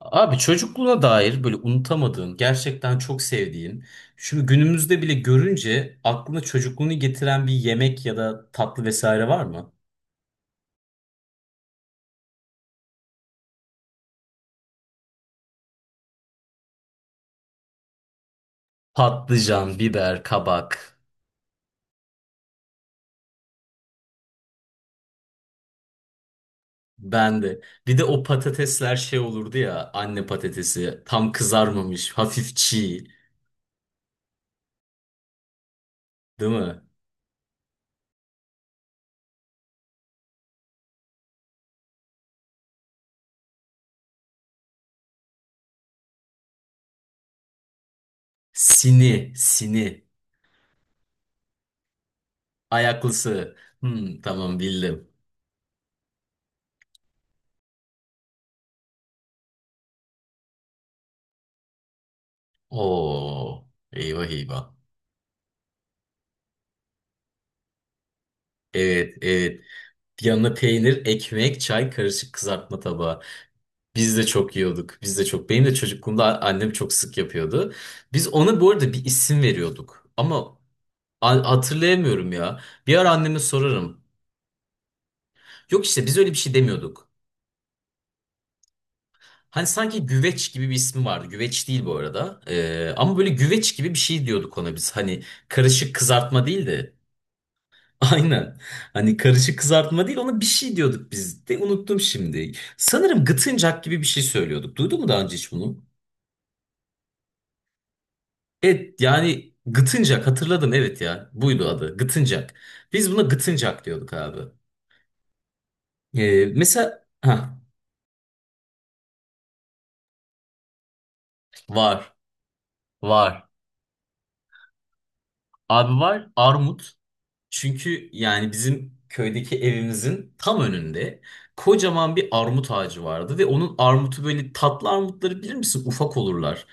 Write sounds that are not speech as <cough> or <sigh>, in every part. Abi çocukluğuna dair böyle unutamadığın, gerçekten çok sevdiğin, şimdi günümüzde bile görünce aklına çocukluğunu getiren bir yemek ya da tatlı vesaire var mı? Patlıcan, biber, kabak. Ben de. Bir de o patatesler şey olurdu ya, anne patatesi. Tam kızarmamış, hafif çiğ, değil mi? Sini, sini. Ayaklısı. Hmm, tamam bildim. Oo, eyvah eyvah. Evet, evet. Yanına peynir, ekmek, çay, karışık kızartma tabağı. Biz de çok yiyorduk. Biz de çok. Benim de çocukluğumda annem çok sık yapıyordu. Biz ona bu arada bir isim veriyorduk. Ama hatırlayamıyorum ya. Bir ara anneme sorarım. Yok işte biz öyle bir şey demiyorduk. Hani sanki güveç gibi bir ismi vardı. Güveç değil bu arada. Ama böyle güveç gibi bir şey diyorduk ona biz. Hani karışık kızartma değildi. <laughs> Aynen. Hani karışık kızartma değil ona bir şey diyorduk biz de unuttum şimdi. Sanırım gıtıncak gibi bir şey söylüyorduk. Duydun mu daha önce hiç bunu? Evet yani gıtıncak hatırladım evet ya. Buydu adı gıtıncak. Biz buna gıtıncak diyorduk abi. Mesela ha var var. Abi var armut. Çünkü yani bizim köydeki evimizin tam önünde kocaman bir armut ağacı vardı ve onun armutu böyle tatlı armutları bilir misin? Ufak olurlar.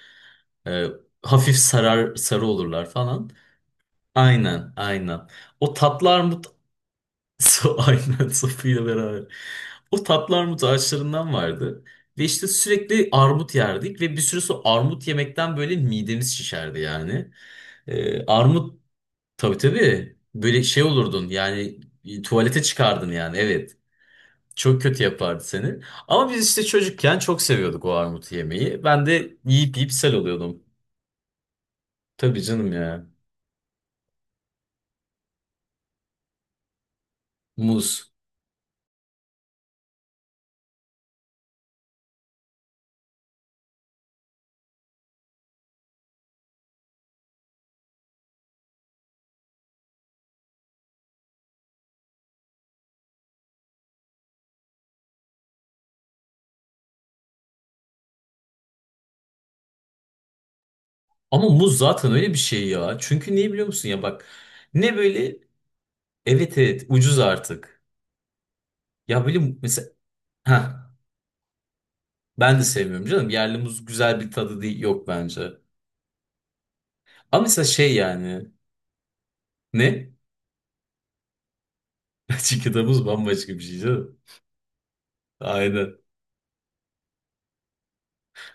Ee, Hafif sarar sarı olurlar falan. Aynen, aynen. O tatlı armut. <laughs> So aynen sapıyla beraber. O tatlı armut ağaçlarından vardı. Ve işte sürekli armut yerdik ve bir süre sonra armut yemekten böyle midemiz şişerdi yani. Armut. Tabii tabii. Böyle şey olurdun yani, tuvalete çıkardın yani, evet. Çok kötü yapardı seni. Ama biz işte çocukken çok seviyorduk o armut yemeği. Ben de yiyip yiyip sel oluyordum. Tabii canım ya. Muz. Ama muz zaten öyle bir şey ya. Çünkü niye biliyor musun ya bak. Ne böyle evet evet ucuz artık. Ya böyle mesela heh, ben de sevmiyorum canım. Yerli muz güzel bir tadı değil, yok bence. Ama mesela şey yani ne? <laughs> Çiğ muz bambaşka bir şey canım. Aynen.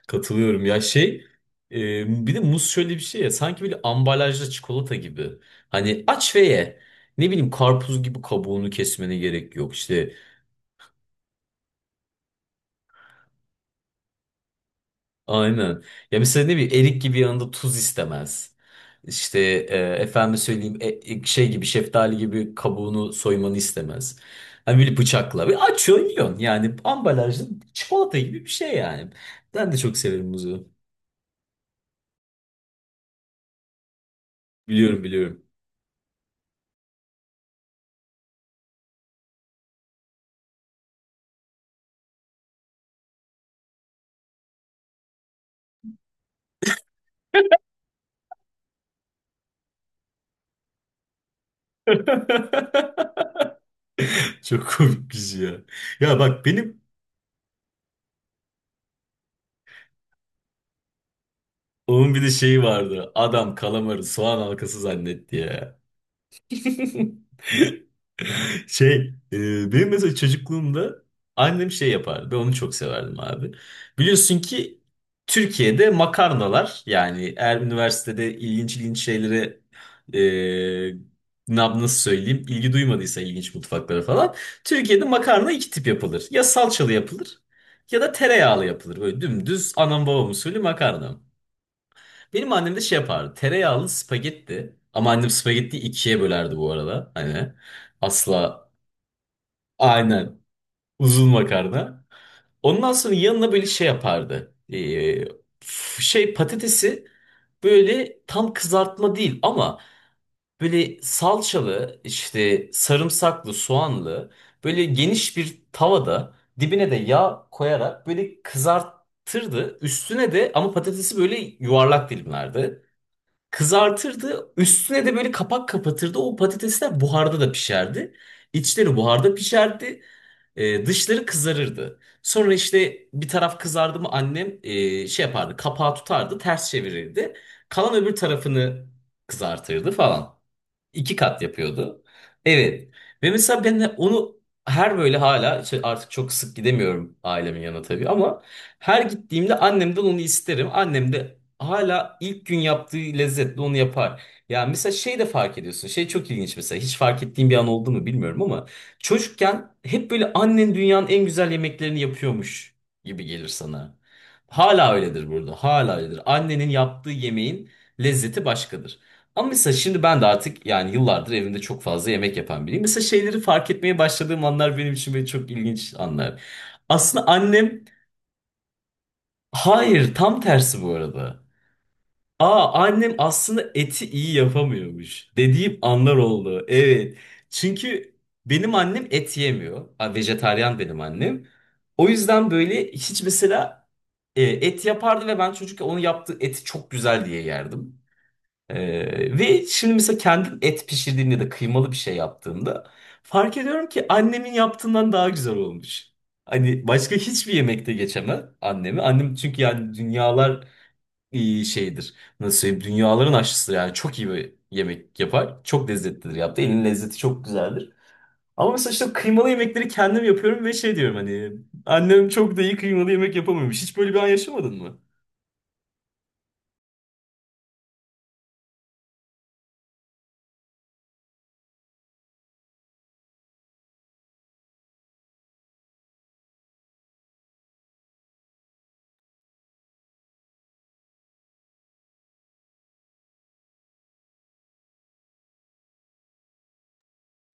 Katılıyorum ya şey. Bir de muz şöyle bir şey ya sanki böyle ambalajlı çikolata gibi. Hani aç ve ye. Ne bileyim karpuz gibi kabuğunu kesmene gerek yok işte. Aynen. Ya mesela ne bileyim erik gibi yanında tuz istemez. İşte efendim söyleyeyim, şey gibi şeftali gibi kabuğunu soymanı istemez. Hani böyle bıçakla bir açıyorsun yiyorsun yani ambalajlı çikolata gibi bir şey yani. Ben de çok severim muzu. Biliyorum biliyorum. <laughs> Çok komik bir şey ya. Ya bak benim onun bir de şeyi vardı. Adam kalamarı soğan halkası zannetti ya. <laughs> Şey, benim mesela çocukluğumda annem şey yapardı. Ben onu çok severdim abi. Biliyorsun ki Türkiye'de makarnalar yani eğer üniversitede ilginç ilginç şeylere, e, nasıl söyleyeyim, ilgi duymadıysa ilginç mutfaklara falan. Türkiye'de makarna iki tip yapılır. Ya salçalı yapılır ya da tereyağlı yapılır. Böyle dümdüz anam babam usulü makarna. Benim annem de şey yapardı. Tereyağlı spagetti. Ama annem spagettiyi ikiye bölerdi bu arada. Hani asla. Aynen. Uzun makarna. Ondan sonra yanına böyle şey yapardı. Şey patatesi, böyle tam kızartma değil ama böyle salçalı işte sarımsaklı soğanlı, böyle geniş bir tavada dibine de yağ koyarak böyle kızartırdı. Üstüne de ama patatesi böyle yuvarlak dilimlerdi. Kızartırdı. Üstüne de böyle kapak kapatırdı. O patatesler buharda da pişerdi. İçleri buharda pişerdi. E, dışları kızarırdı. Sonra işte bir taraf kızardı mı annem şey yapardı. Kapağı tutardı, ters çevirirdi. Kalan öbür tarafını kızartırdı falan. İki kat yapıyordu. Evet. Ve mesela ben de onu her böyle hala işte artık çok sık gidemiyorum ailemin yanına tabii ama her gittiğimde annemden onu isterim. Annem de hala ilk gün yaptığı lezzetle onu yapar. Ya mesela şey de fark ediyorsun. Şey çok ilginç mesela. Hiç fark ettiğim bir an oldu mu bilmiyorum ama çocukken hep böyle annen dünyanın en güzel yemeklerini yapıyormuş gibi gelir sana. Hala öyledir burada. Hala öyledir. Annenin yaptığı yemeğin lezzeti başkadır. Ama mesela şimdi ben de artık yani yıllardır evimde çok fazla yemek yapan biriyim. Mesela şeyleri fark etmeye başladığım anlar benim için böyle çok ilginç anlar. Aslında annem, hayır tam tersi bu arada. Aa annem aslında eti iyi yapamıyormuş dediğim anlar oldu. Evet. Çünkü benim annem et yemiyor. Ha, vejetaryen benim annem. O yüzden böyle hiç mesela et yapardı ve ben çocukken onu yaptığı eti çok güzel diye yerdim. Ve şimdi mesela kendim et pişirdiğimde ya da kıymalı bir şey yaptığımda fark ediyorum ki annemin yaptığından daha güzel olmuş. Hani başka hiçbir yemekte geçemem annemi. Annem çünkü yani dünyalar şeydir. Nasıl söyleyeyim? Dünyaların aşçısıdır yani. Çok iyi bir yemek yapar. Çok lezzetlidir yaptı. Elin lezzeti çok güzeldir. Ama mesela işte kıymalı yemekleri kendim yapıyorum ve şey diyorum hani annem çok da iyi kıymalı yemek yapamıyormuş. Hiç böyle bir an yaşamadın mı?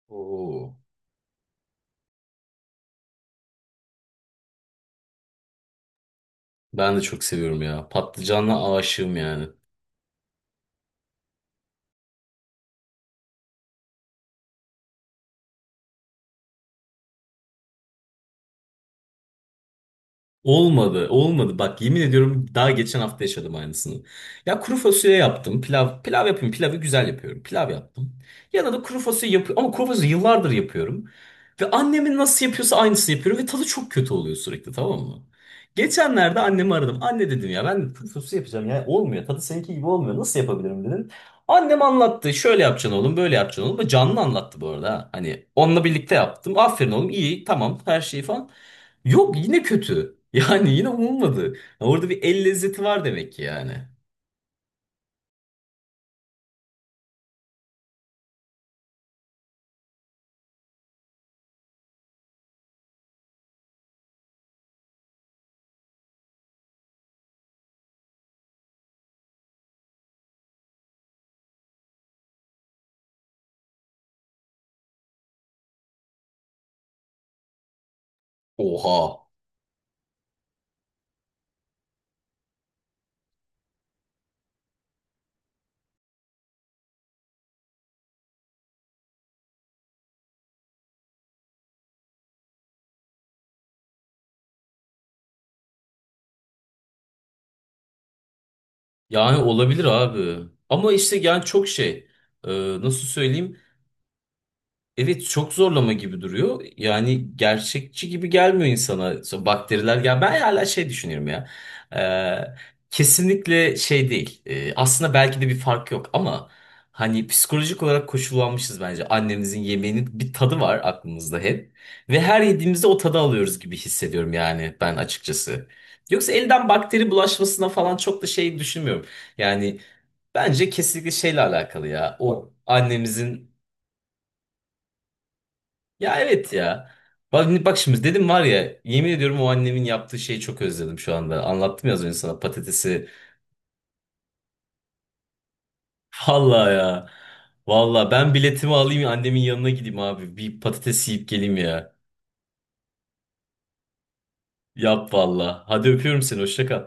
Oo. Ben de çok seviyorum ya. Patlıcanla aşığım yani. Olmadı, olmadı. Bak yemin ediyorum daha geçen hafta yaşadım aynısını. Ya kuru fasulye yaptım. Pilav yapıyorum, pilavı güzel yapıyorum. Pilav yaptım. Yanına da kuru fasulye yapıyorum. Ama kuru fasulye yıllardır yapıyorum. Ve annemin nasıl yapıyorsa aynısını yapıyorum. Ve tadı çok kötü oluyor sürekli, tamam mı? Geçenlerde annemi aradım. Anne dedim ya ben kuru fasulye yapacağım. Ya olmuyor. Tadı seninki gibi olmuyor. Nasıl yapabilirim dedim. Annem anlattı. Şöyle yapacaksın oğlum, böyle yapacaksın oğlum. Canlı anlattı bu arada, ha. Hani onunla birlikte yaptım. Aferin oğlum, iyi, tamam, her şey falan. Yok yine kötü. <laughs> Yani yine umulmadı. Ya orada bir el lezzeti var demek ki yani. Oha. Yani olabilir abi. Ama işte yani çok şey. e, Nasıl söyleyeyim? Evet çok zorlama gibi duruyor. Yani gerçekçi gibi gelmiyor insana. Bakteriler gel. Ben hala şey düşünüyorum ya. Ee, Kesinlikle şey değil. Aslında belki de bir fark yok ama hani psikolojik olarak koşullanmışız bence. Annemizin yemeğinin bir tadı var aklımızda hep. Ve her yediğimizde o tadı alıyoruz gibi hissediyorum yani ben açıkçası. Yoksa elden bakteri bulaşmasına falan çok da şey düşünmüyorum. Yani bence kesinlikle şeyle alakalı ya. O annemizin, ya evet ya. Bak, bak şimdi dedim var ya yemin ediyorum o annemin yaptığı şeyi çok özledim şu anda. Anlattım ya az önce sana patatesi. <laughs> Vallahi ya. Vallahi ben biletimi alayım annemin yanına gideyim abi. Bir patates yiyip geleyim ya. Yap vallahi. Hadi öpüyorum seni hoşça kal.